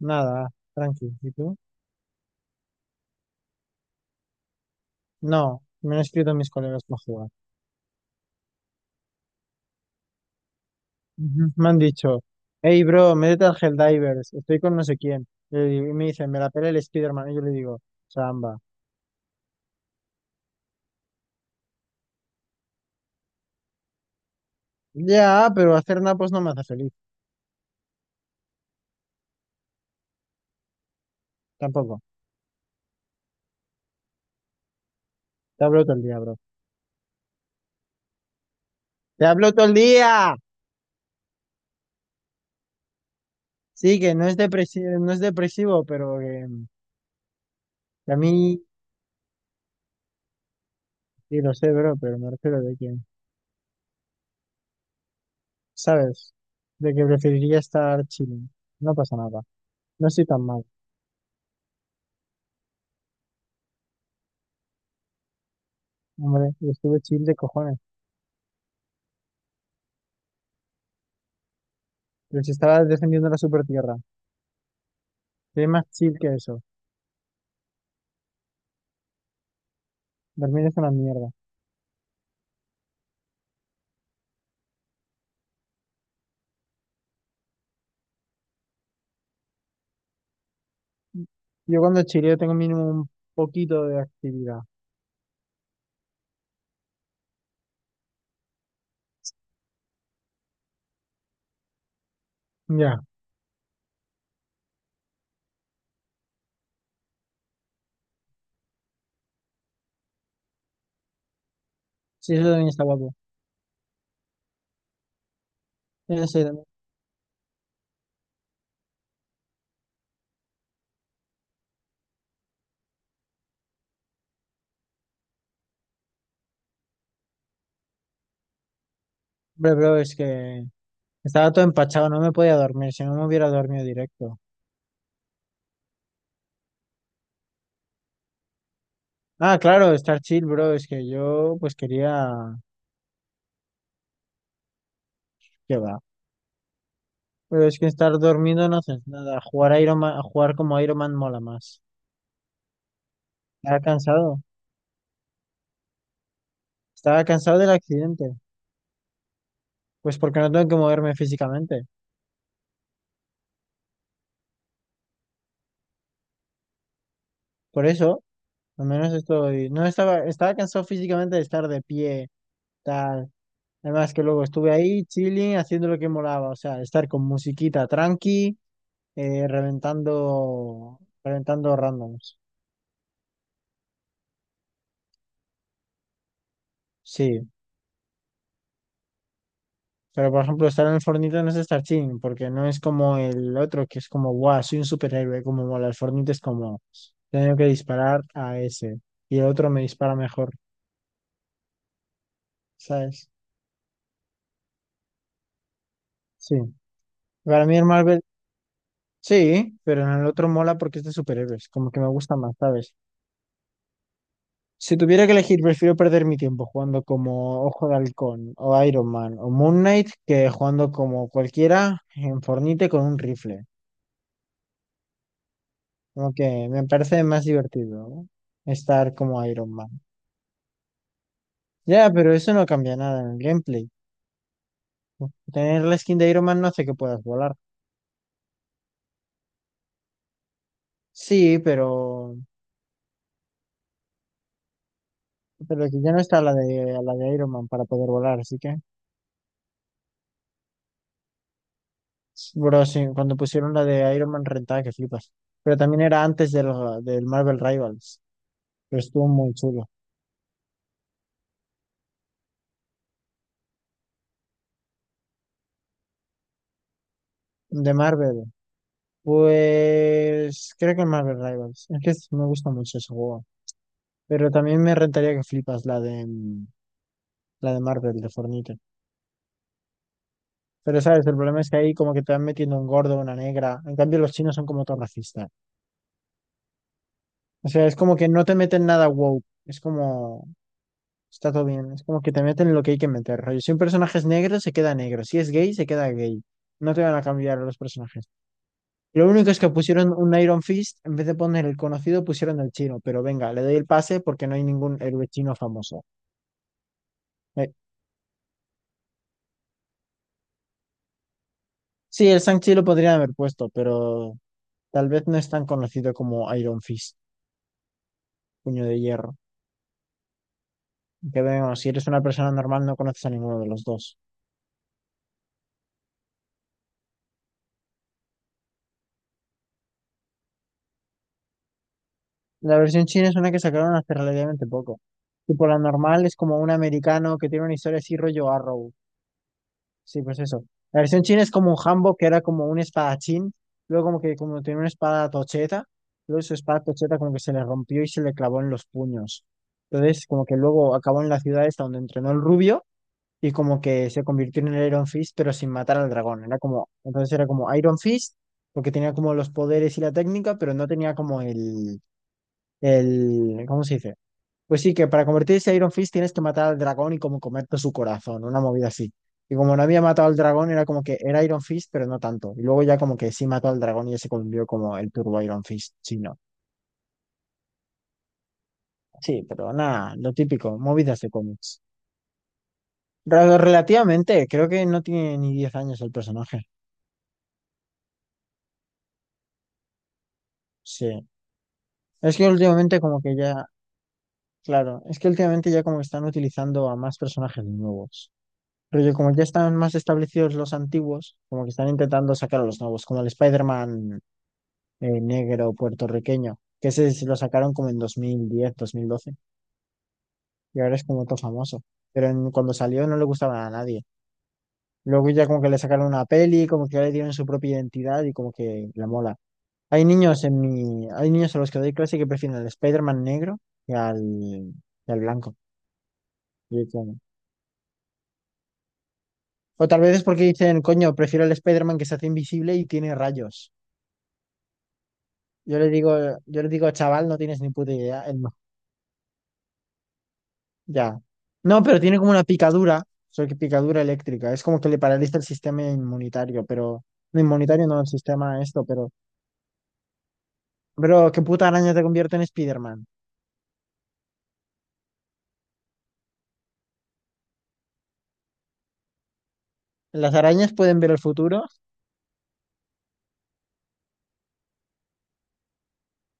Nada, tranqui. ¿Y tú? No, me han escrito mis colegas para jugar. Ujú. Me han dicho, hey bro, métete al Helldivers, estoy con no sé quién. Y me dicen, me la pela el Spiderman. Y yo le digo, Samba. Ya, pero hacer napos no me hace feliz. Tampoco. Te hablo todo el día, bro. ¡Te hablo todo el día! Sí, que no es depresivo, no es depresivo, pero que a mí, sí lo sé, bro, pero me refiero de que, ¿sabes? De que preferiría estar chilling. No pasa nada. No estoy tan mal. Hombre, y estuve chill de cojones. Pero si estabas defendiendo la super tierra, ¿qué hay más chill que eso? Dormir es una mierda. Yo cuando chileo tengo mínimo un poquito de actividad. Ya. Sí, eso también está guapo. Yo sé, hombre, bro, es que estaba todo empachado, no me podía dormir, si no me hubiera dormido directo. Ah, claro, estar chill, bro, es que yo pues quería... ¿Qué va? Pero es que estar dormido no haces nada. Jugar como Iron Man mola más. Estaba cansado. Estaba cansado del accidente. Pues porque no tengo que moverme físicamente. Por eso... Al menos estoy, no estaba, estaba cansado físicamente de estar de pie, tal. Además que luego estuve ahí chilling, haciendo lo que molaba, o sea, estar con musiquita tranqui, reventando, reventando randoms. Sí, pero por ejemplo estar en el Fortnite no es estar chilling, porque no es como el otro que es como, guau soy un superhéroe, como mola. El Fortnite es como, tengo que disparar a ese y el otro me dispara mejor, ¿sabes? Sí. Para mí el Marvel. Sí, pero en el otro mola porque es de superhéroes, como que me gusta más, ¿sabes? Si tuviera que elegir, prefiero perder mi tiempo jugando como Ojo de Halcón o Iron Man o Moon Knight que jugando como cualquiera en Fornite con un rifle. Como que me parece más divertido, ¿no? Estar como Iron Man. Ya, pero eso no cambia nada en el gameplay. Tener la skin de Iron Man no hace que puedas volar. Sí, pero que ya no está la de Iron Man para poder volar, así que... Bro, sí, cuando pusieron la de Iron Man rentada que flipas. Pero también era del Marvel Rivals, pero estuvo muy chulo. De Marvel, pues creo que Marvel Rivals. Es que me gusta mucho ese juego. Pero también me rentaría que flipas la de Marvel, de Fortnite. Pero sabes, el problema es que ahí como que te van metiendo un gordo, una negra. En cambio, los chinos son como todos racistas. O sea, es como que no te meten nada woke. Es como. Está todo bien. Es como que te meten lo que hay que meter, rollo. Si un personaje es negro, se queda negro. Si es gay, se queda gay. No te van a cambiar los personajes. Lo único es que pusieron un Iron Fist, en vez de poner el conocido, pusieron el chino. Pero venga, le doy el pase porque no hay ningún héroe chino famoso. Eh, sí, el Shang-Chi lo podrían haber puesto, pero tal vez no es tan conocido como Iron Fist, puño de hierro. Que vemos, si eres una persona normal, no conoces a ninguno de los dos. La versión china es una que sacaron hace relativamente poco. Tipo, la normal es como un americano que tiene una historia así rollo Arrow. Sí, pues eso. La versión china es como un Hanbok que era como un espadachín. Luego como que como tiene una espada tocheta. Luego su espada tocheta como que se le rompió y se le clavó en los puños. Entonces como que luego acabó en la ciudad esta donde entrenó el rubio y como que se convirtió en el Iron Fist pero sin matar al dragón. Era como, entonces era como Iron Fist porque tenía como los poderes y la técnica pero no tenía como ¿cómo se dice? Pues sí, que para convertirse en Iron Fist tienes que matar al dragón y como comerte su corazón, una movida así. Y como no había matado al dragón, era como que era Iron Fist, pero no tanto. Y luego ya como que sí mató al dragón y ya se convirtió como el Turbo Iron Fist chino. Sí, pero nada, lo típico, movidas de cómics. Relativamente, creo que no tiene ni 10 años el personaje. Sí. Es que últimamente como que ya, claro, es que últimamente ya como que están utilizando a más personajes nuevos. Pero yo, como ya están más establecidos los antiguos, como que están intentando sacar a los nuevos, como el Spider-Man negro puertorriqueño, que ese sí lo sacaron como en 2010 2012 y ahora es como todo famoso. Cuando salió no le gustaba a nadie. Luego ya como que le sacaron una peli, como que ya le dieron su propia identidad y como que la mola. Hay niños a los que doy clase que prefieren al Spider-Man negro que al, que al blanco. Y yo como- O tal vez es porque dicen, coño, prefiero al Spider-Man que se hace invisible y tiene rayos. Yo le digo, yo le digo, chaval, no tienes ni puta idea. Él no, ya. No, pero tiene como una picadura, solo que picadura eléctrica. Es como que le paraliza el sistema inmunitario, pero no inmunitario, no el sistema esto, pero qué puta araña te convierte en Spider-Man. Las arañas pueden ver el futuro,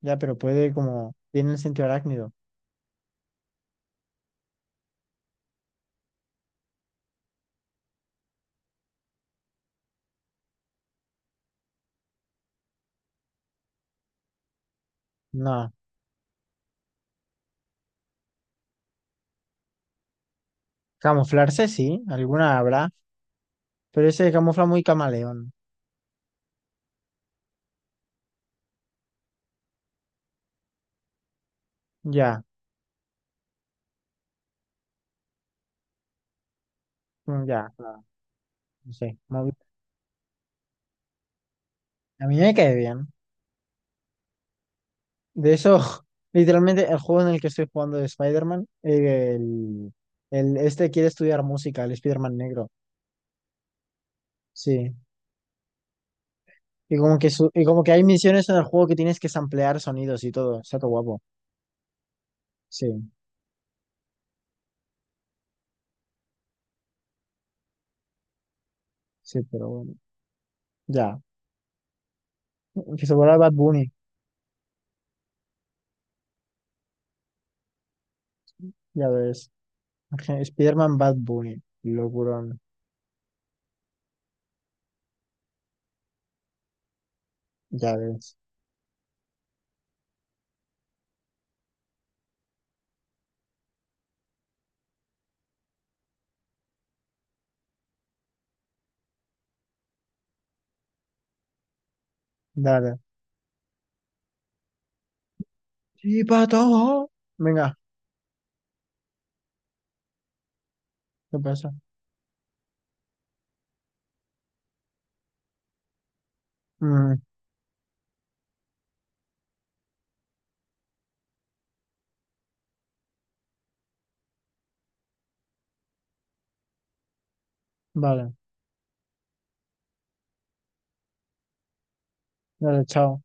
ya, pero puede como, tiene el sentido arácnido. No, camuflarse sí, alguna habrá, pero ese camufla muy camaleón. Ya, ya, claro, no sé. A mí me cae bien. De eso, literalmente, el juego en el que estoy jugando de Spider-Man, este quiere estudiar música, el Spider-Man negro. Sí. Y como que hay misiones en el juego que tienes que samplear sonidos y todo. Está todo guapo. Sí, sí, pero bueno. Ya. Que se vuelva Bad Bunny. Ya ves. Spider-Man Bad Bunny. Locurón. Ya ves. Dale. Sí, pato. Venga, ¿qué pasa? Mm, vale. Dale, chao.